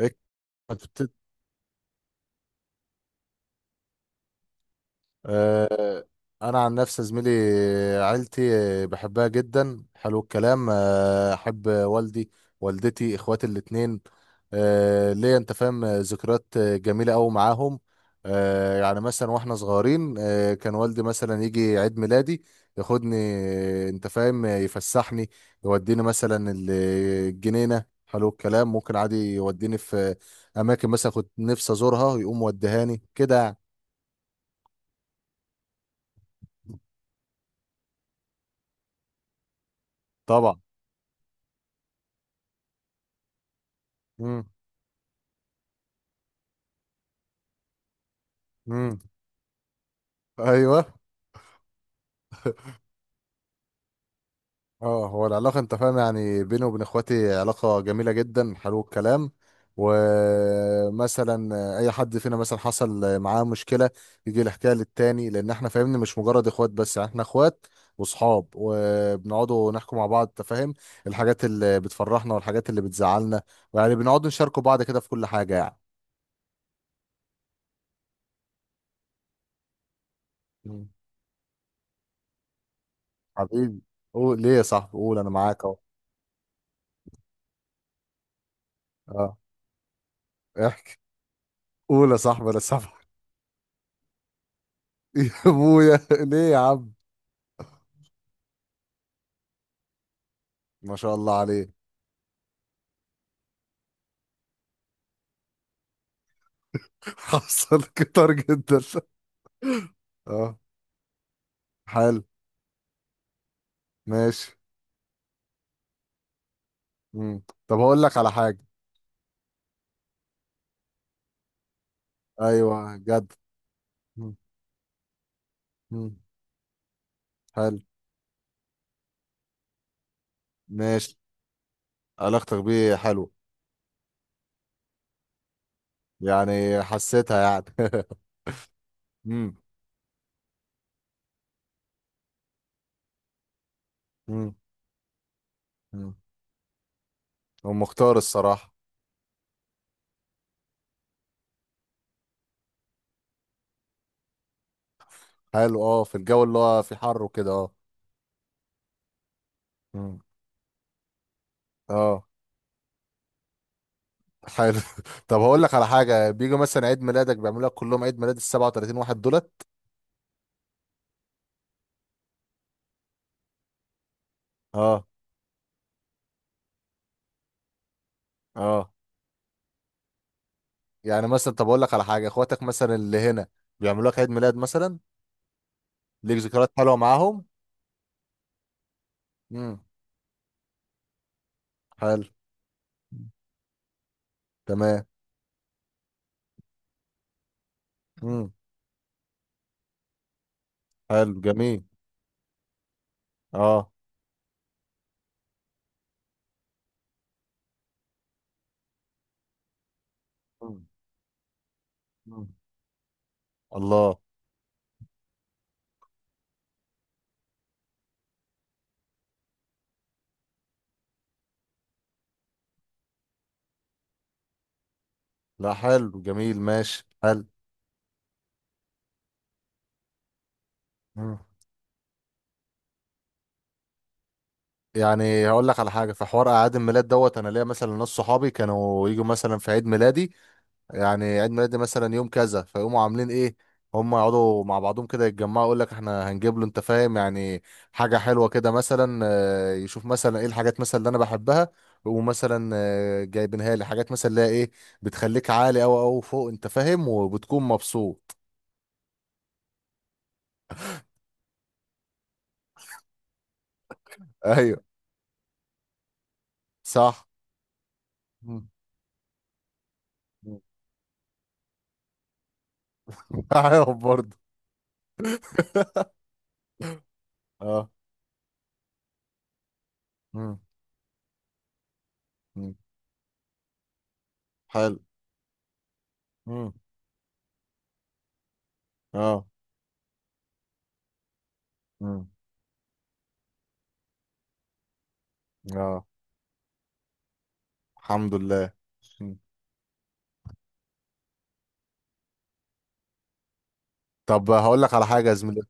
إيه، كانت. آه، انا عن نفسي زميلي عيلتي. بحبها جدا، حلو الكلام. احب والدي، والدتي، اخواتي الاتنين. ليا، انت فاهم، ذكريات جميله قوي معاهم. يعني مثلا واحنا صغيرين كان والدي مثلا يجي عيد ميلادي ياخدني، انت فاهم، يفسحني، يوديني مثلا الجنينه، حلو الكلام، ممكن عادي يوديني في اماكن مثلا كنت نفسي ازورها، يقوم وديهاني كده يعني. طبعا. امم. امم. ايوه. اه، هو العلاقه، انت فاهم، يعني بيني وبين اخواتي علاقه جميله جدا، حلو الكلام. ومثلا اي حد فينا مثلا حصل معاه مشكله يجي يحكيها للتاني، لان احنا فاهمني مش مجرد اخوات بس، يعني احنا اخوات واصحاب، وبنقعدوا نحكوا مع بعض، انت فاهم، الحاجات اللي بتفرحنا والحاجات اللي بتزعلنا، ويعني بنقعد نشاركوا بعض كده في كل حاجه يعني. مم. حبيبي، قول ليه يا صاحبي. قول انا معاك اهو. اه. احكي، قول يا صاحبي، انا صاحبي. يا ابويا، ليه يا عم؟ ما شاء الله عليه. حصل كتر جدا. اه. حلو. ماشي. مم. طب هقول لك على حاجة. ايوه جد. مم. مم. حلو. ماشي. علاقتك بيه حلوة. يعني حسيتها يعني. مم. مم. مم. هو مختار الصراحة. حلو، اه، في الجو اللي هو في حر وكده، اه. مم. اه. حلو. طب هقول لك على حاجة، بيجوا مثلا عيد ميلادك بيعملوا لك كلهم عيد ميلاد ال 37 واحد دولت؟ اه. اه يعني مثلا، طب اقول لك على حاجه، اخواتك مثلا اللي هنا بيعملوا لك عيد ميلاد مثلا؟ ليك ذكريات حلوه معاهم. امم. حلو. تمام. امم. حلو جميل. اه. مم. مم. الله. لا، حلو جميل، ماشي، حلو. مم. يعني هقول لك على حاجه، في حوار اعياد الميلاد دوت، انا ليا مثلا ناس صحابي كانوا يجوا مثلا في عيد ميلادي، يعني عيد ميلادي مثلا يوم كذا، فيقوموا عاملين ايه؟ هم يقعدوا مع بعضهم كده يتجمعوا، يقول لك احنا هنجيب له، انت فاهم، يعني حاجه حلوه كده، مثلا يشوف مثلا ايه الحاجات مثلا اللي انا بحبها. ومثلا جايبينها لي حاجات مثلا اللي هي ايه بتخليك عالي او فوق، انت فاهم، وبتكون مبسوط. ايوه. صح. مم. مم. عارف برضه. اه. مم. مم. حلو. مم. اه. مم. اه. الحمد لله. مم. طب هقول لك على حاجه يا زميلي.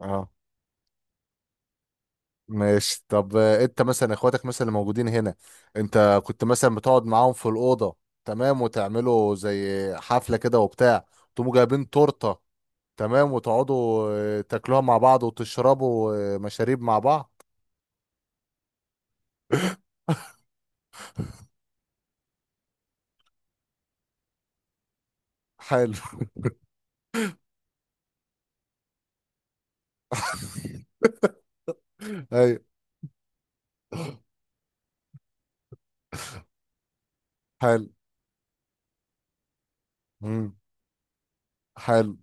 اه. ماشي. طب انت مثلا اخواتك مثلا اللي موجودين هنا، انت كنت مثلا بتقعد معاهم في الأوضة، تمام، وتعملوا زي حفلة كده وبتاع، تقوموا جايبين تورتة، تمام، وتقعدوا تاكلوها مع بعض، وتشربوا مشاريب مع بعض. حلو. ايوه. حلو. امم. حلو.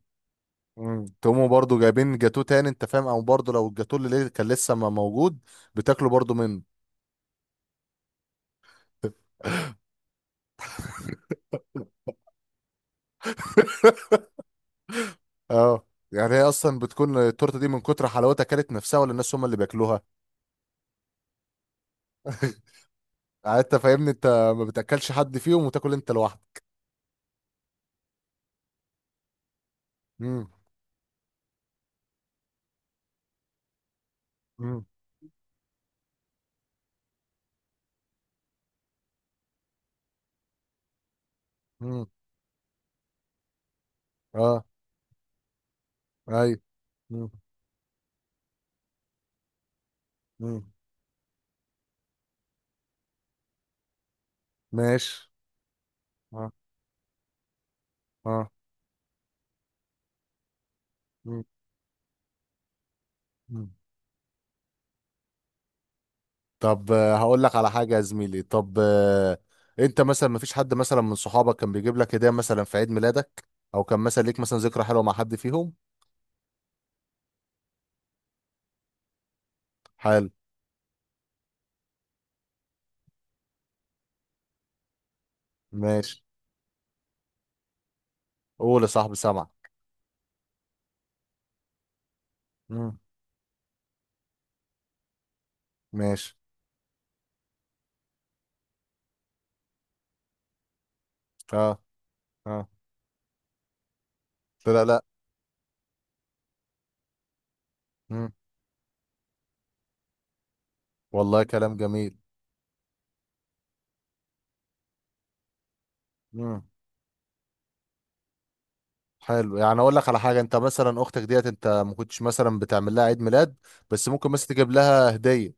امم. تقوموا برضو جايبين جاتوه تاني، انت فاهم، او برضو لو الجاتوه اللي كان لسه ما موجود، بتاكلوا برضو منه. اه، يعني هي اصلا بتكون التورته دي من كتر حلاوتها كانت نفسها، ولا الناس هم اللي بياكلوها؟ يعني انت فاهمني، انت ما بتاكلش حد فيهم وتاكل انت لوحدك. امم. امم. امم. اه. ايوه. امم. امم. ماشي. اه. اه. امم. امم. طب هقول لك على حاجه يا زميلي. طب انت مثلا ما فيش حد مثلا من صحابك كان بيجيب لك هديه مثلا في عيد ميلادك، او كان مثلا ليك مثلا ذكرى حلوه مع حد فيهم؟ حلو. ماشي. قول يا صاحبي سامع. امم. ماشي. اه. اه. لا لا لا. امم. والله كلام جميل. مم. حلو، يعني اقول لك على حاجه، انت مثلا اختك ديت انت ما كنتش مثلا بتعمل لها عيد ميلاد، بس ممكن مثلا تجيب لها هديه،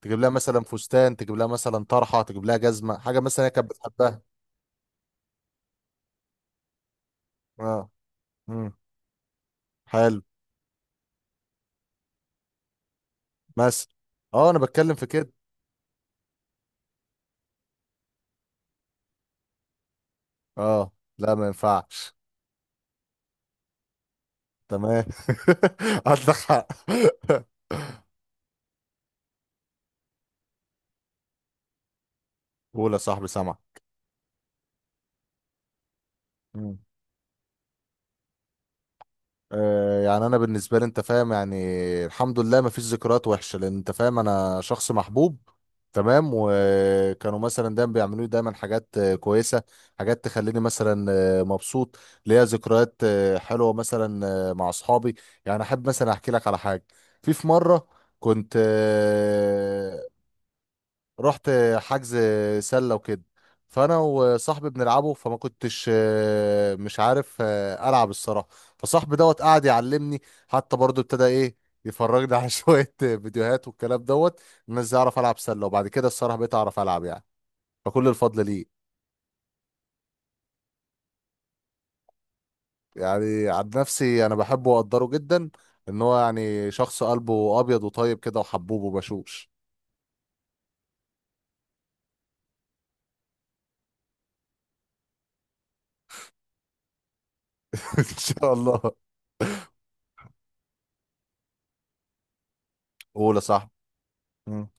تجيب لها مثلا فستان، تجيب لها مثلا طرحه، تجيب لها جزمه، حاجه مثلا هي كانت بتحبها. اه. امم. حلو. مثلا. اه، انا بتكلم في كده. اه. لا، ما ينفعش. تمام. عندك حق. قول يا صاحبي سامع. يعني انا بالنسبه لي، انت فاهم، يعني الحمد لله ما فيش ذكريات وحشه، لان انت فاهم انا شخص محبوب، تمام، وكانوا مثلا دايما بيعملوا لي دايما حاجات كويسه، حاجات تخليني مثلا مبسوط. ليا ذكريات حلوه مثلا مع اصحابي، يعني احب مثلا احكي لك على حاجه. في مره كنت رحت حجز سله وكده، فانا وصاحبي بنلعبه، فما كنتش مش عارف العب الصراحه، فصاحبي دوت قعد يعلمني، حتى برضو ابتدى ايه يفرجني على شويه فيديوهات والكلام دوت، ان ازاي اعرف العب سله، وبعد كده الصراحه بقيت اعرف العب يعني، فكل الفضل ليه. يعني عن نفسي انا بحبه واقدره جدا، ان هو يعني شخص قلبه ابيض وطيب كده وحبوب وبشوش. ان شاء الله. قول يا صاحبي. مم.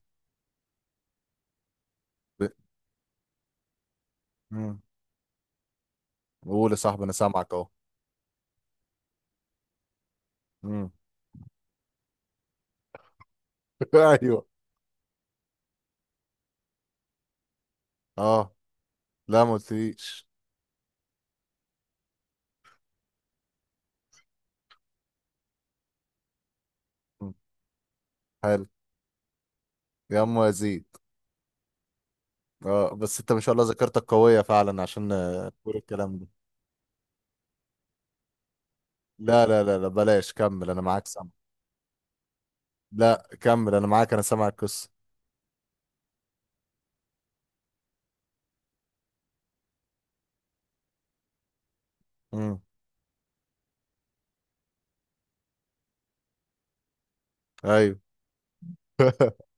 ب- مم. قول يا صاحبي انا سامعك اهو. ايوه. اه. لا، ما قلتليش. م. حلو. يا ام يزيد. اه، بس انت ما شاء الله ذاكرتك قوية فعلا عشان تقول الكلام ده. لا لا لا لا، بلاش، كمل انا معاك سامع. لا، كمل انا معاك، انا سامع القصة. امم. ايوه.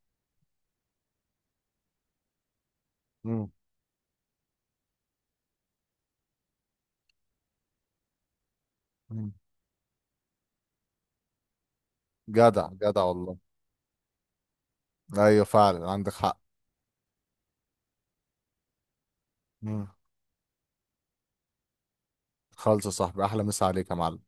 امم. أمم. جدع جدع والله. ايوه فعلا عندك حق. امم. خالص يا صاحبي، احلى مسا عليك يا معلم.